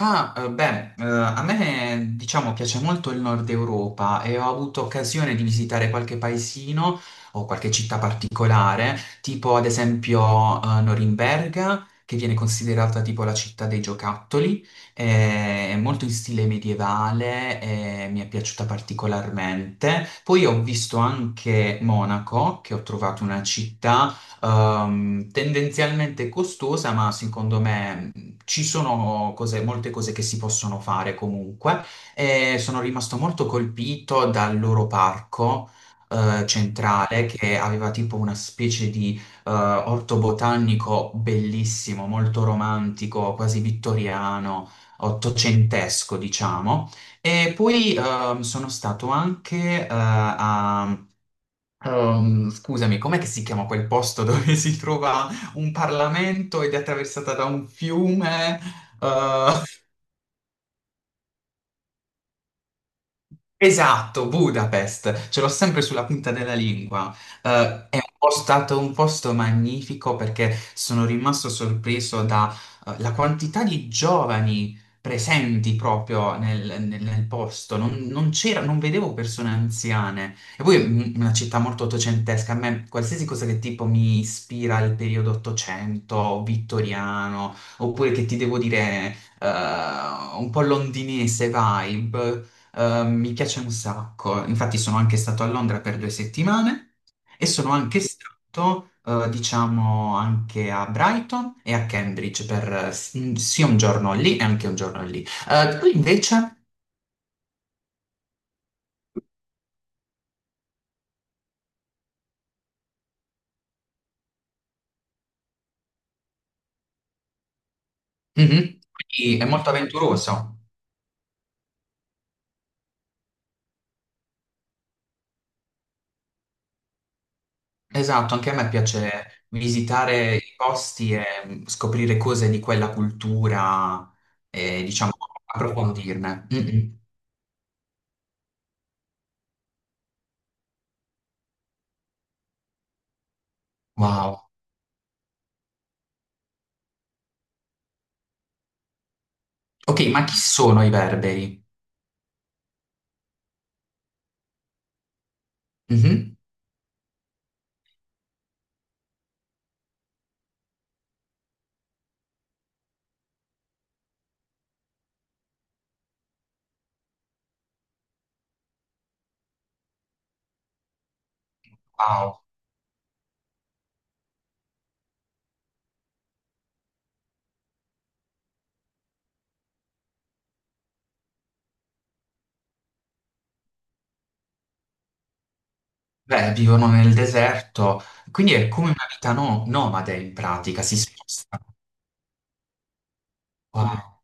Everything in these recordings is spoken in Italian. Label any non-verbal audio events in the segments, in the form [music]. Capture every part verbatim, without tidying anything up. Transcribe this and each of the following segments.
Ah, eh, beh, eh, a me diciamo piace molto il nord Europa e ho avuto occasione di visitare qualche paesino o qualche città particolare, tipo ad esempio eh, Norimberga, che viene considerata tipo la città dei giocattoli. Eh, è molto in stile medievale e mi è piaciuta particolarmente. Poi ho visto anche Monaco, che ho trovato una città ehm, tendenzialmente costosa, ma secondo me, mh, ci sono cose- molte cose che si possono fare comunque. E sono rimasto molto colpito dal loro parco eh, centrale, che aveva tipo una specie di eh, orto botanico bellissimo, molto romantico, quasi vittoriano, ottocentesco, diciamo. E poi ehm, sono stato anche eh, a Ehm, scusami, com'è che si chiama quel posto dove [laughs] si trova un Parlamento ed è attraversata da un fiume? Eh, Esatto, Budapest, ce l'ho sempre sulla punta della lingua. Eh, è un po' stato un posto magnifico perché sono rimasto sorpreso dalla quantità di giovani presenti proprio nel, nel- nel posto. Non, non c'era, non vedevo persone anziane. E poi è un- una città molto ottocentesca. A me qualsiasi cosa che tipo mi ispira al periodo ottocento, vittoriano, oppure, che ti devo dire, eh, un po' londinese vibe. Eh, mi piace un sacco, infatti sono anche stato a Londra per due settimane e sono anche stato, eh, diciamo, anche a Brighton e a Cambridge per eh, s- sia un giorno lì e anche un giorno lì. Eh, qui invece, mhm, qui è molto avventuroso. Esatto, anche a me piace visitare i posti e, mm, scoprire cose di quella cultura e, diciamo, approfondirne. Mm, mm. Wow. Ok, ma chi sono i berberi? Mhm. Wow. Beh, vivono nel deserto, quindi è come una vita no- nomade in pratica, si spostano. Wow,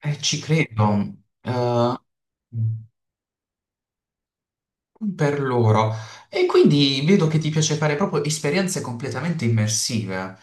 eh, ci credo. Eh, mm, per loro. E quindi vedo che ti piace fare proprio esperienze completamente immersive.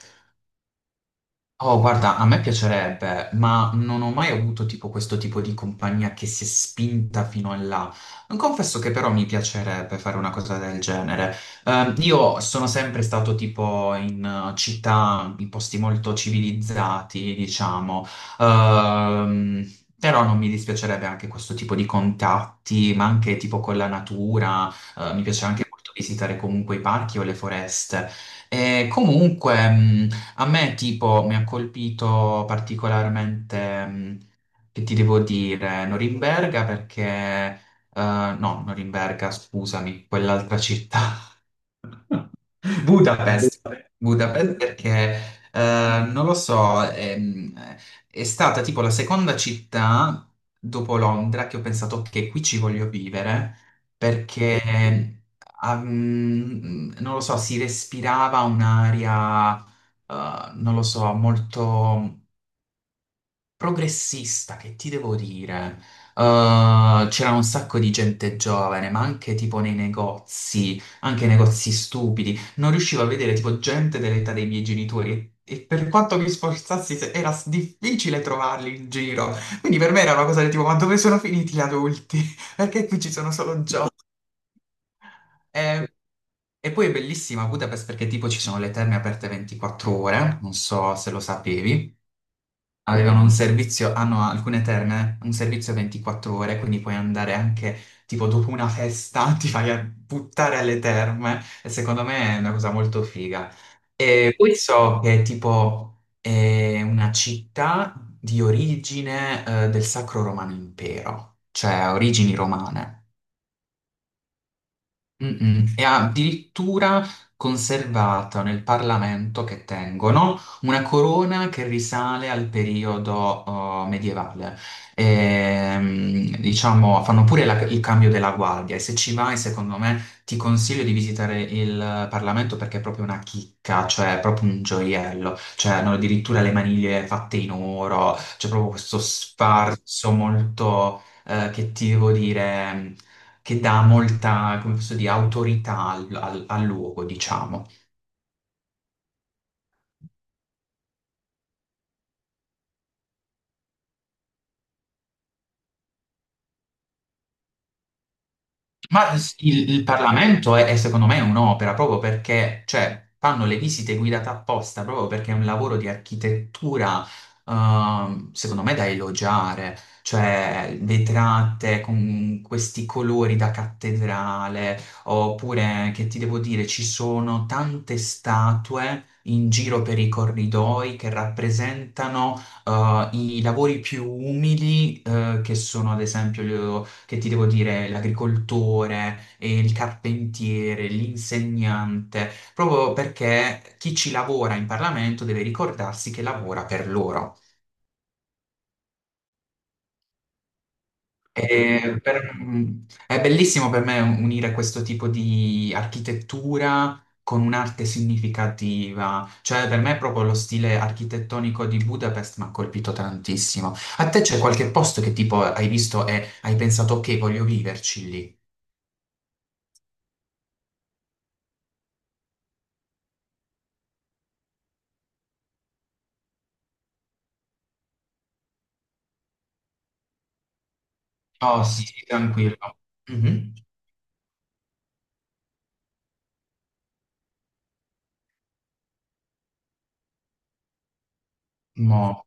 Oh, guarda, a me piacerebbe, ma non ho mai avuto tipo questo tipo di compagnia che si è spinta fino in là. Confesso che però mi piacerebbe fare una cosa del genere. Ehm, io sono sempre stato tipo in eh, città, in posti molto civilizzati, diciamo. Ehm, però non mi dispiacerebbe anche questo tipo di contatti, ma anche tipo con la natura. Eh, mi piace anche molto visitare comunque i parchi o le foreste. E comunque, mh, a me tipo mi ha colpito particolarmente, mh, che ti devo dire, Norimberga perché, eh, no, Norimberga, scusami, quell'altra città, Budapest, Budapest perché, eh, non lo so, ehm, è, stata tipo la seconda città dopo Londra che ho pensato che qui ci voglio vivere, perché, ah, mm, non lo so, si respirava un'aria, eh, non lo so, molto progressista, che ti devo dire? Eh, c'era un sacco di gente giovane, ma anche tipo nei negozi, anche nei negozi stupidi. Non riuscivo a vedere tipo gente dell'età dei miei genitori. E per quanto mi sforzassi, se- era s- difficile trovarli in giro. Quindi per me era una cosa del tipo, ma dove sono finiti gli adulti? [laughs] Perché qui ci sono solo giovani? Eh, E poi è bellissima Budapest perché tipo ci sono le terme aperte ventiquattro ore, non so se lo sapevi. Avevano un servizio, hanno alcune terme, un servizio ventiquattro ore, quindi puoi andare anche, tipo, dopo una festa, [laughs] ti vai a buttare alle terme, e secondo me è una cosa molto figa. E poi so che, tipo, è una città di origine, eh, del Sacro Romano Impero, cioè ha origini romane. Mm-mm. È addirittura conservata nel Parlamento, che tengono una corona che risale al periodo, oh, medievale. Ehm, diciamo, fanno pure la- il cambio della guardia e, se ci vai, secondo me, ti consiglio di visitare il Parlamento perché è proprio una chicca, cioè è proprio un gioiello. Cioè, hanno addirittura le maniglie fatte in oro, c'è proprio questo sfarzo molto, eh, che ti devo dire, che dà molta, come posso dire, autorità al, al- al luogo, diciamo. Ma s- il, il Parlamento è, è secondo me un'opera proprio perché, cioè, fanno le visite guidate apposta proprio perché è un lavoro di architettura, ehm, secondo me da elogiare, cioè vetrate con questi colori da cattedrale, oppure, che ti devo dire, ci sono tante statue in giro per i corridoi che rappresentano, eh, i lavori più umili, eh, che sono ad esempio, che ti devo dire, l'agricoltore, eh, il carpentiere, l'insegnante, proprio perché chi ci lavora in Parlamento deve ricordarsi che lavora per loro. E per- è bellissimo per me unire questo tipo di architettura con un'arte significativa, cioè per me proprio lo stile architettonico di Budapest mi ha colpito tantissimo. A te c'è qualche posto che tipo hai visto e hai pensato ok, voglio viverci lì? Oh sì, tranquillo. Mhm. Mo,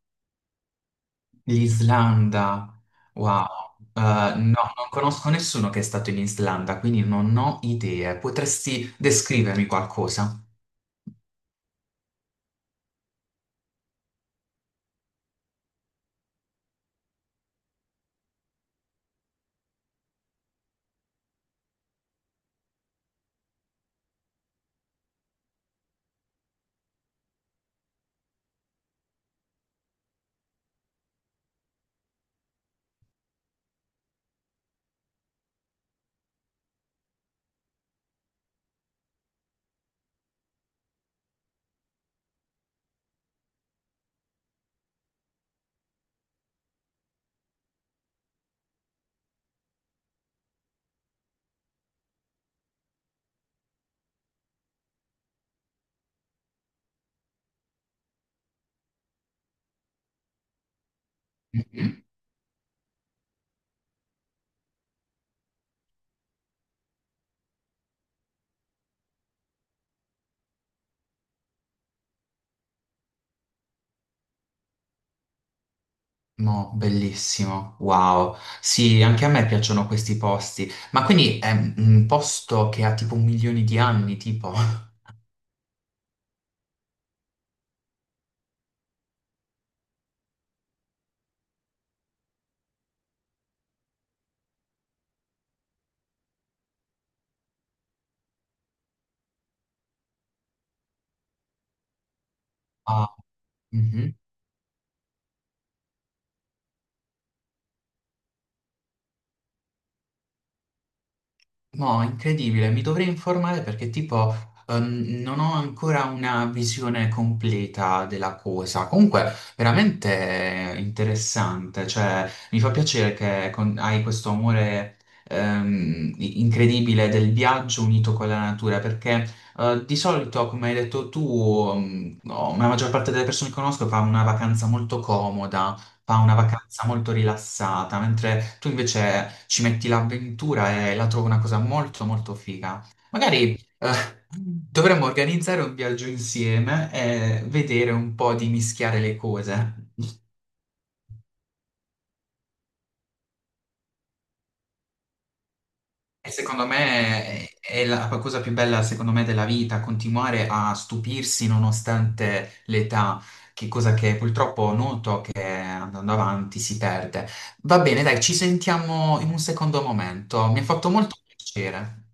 l'Islanda, wow. Eh, no, mm, non conosco nessuno che è stato in Islanda, quindi non ho idee. Potresti descrivermi qualcosa? Mhm. Mo, bellissimo, wow. Sì, anche a me piacciono questi posti, ma quindi è un posto che ha tipo milioni di anni, tipo... [laughs] Ah, mhm. No, incredibile, mi dovrei informare perché tipo, ehm, non ho ancora una visione completa della cosa. Comunque, veramente interessante, cioè mi fa piacere che con- hai questo amore, ehm, i- incredibile, del viaggio unito con la natura, perché, eh, di solito, come hai detto tu, ehm, no, la maggior parte delle persone che conosco fa una vacanza molto comoda, fa una vacanza molto rilassata, mentre tu invece ci metti l'avventura e la trovo una cosa molto molto figa. Magari eh, dovremmo organizzare un viaggio insieme e vedere un po' di mischiare le cose. E secondo me è è la cosa più bella, secondo me, della vita, continuare a stupirsi nonostante l'età, che cosa che purtroppo noto che andando avanti si perde. Va bene, dai, ci sentiamo in un secondo momento. Mi ha fatto molto piacere.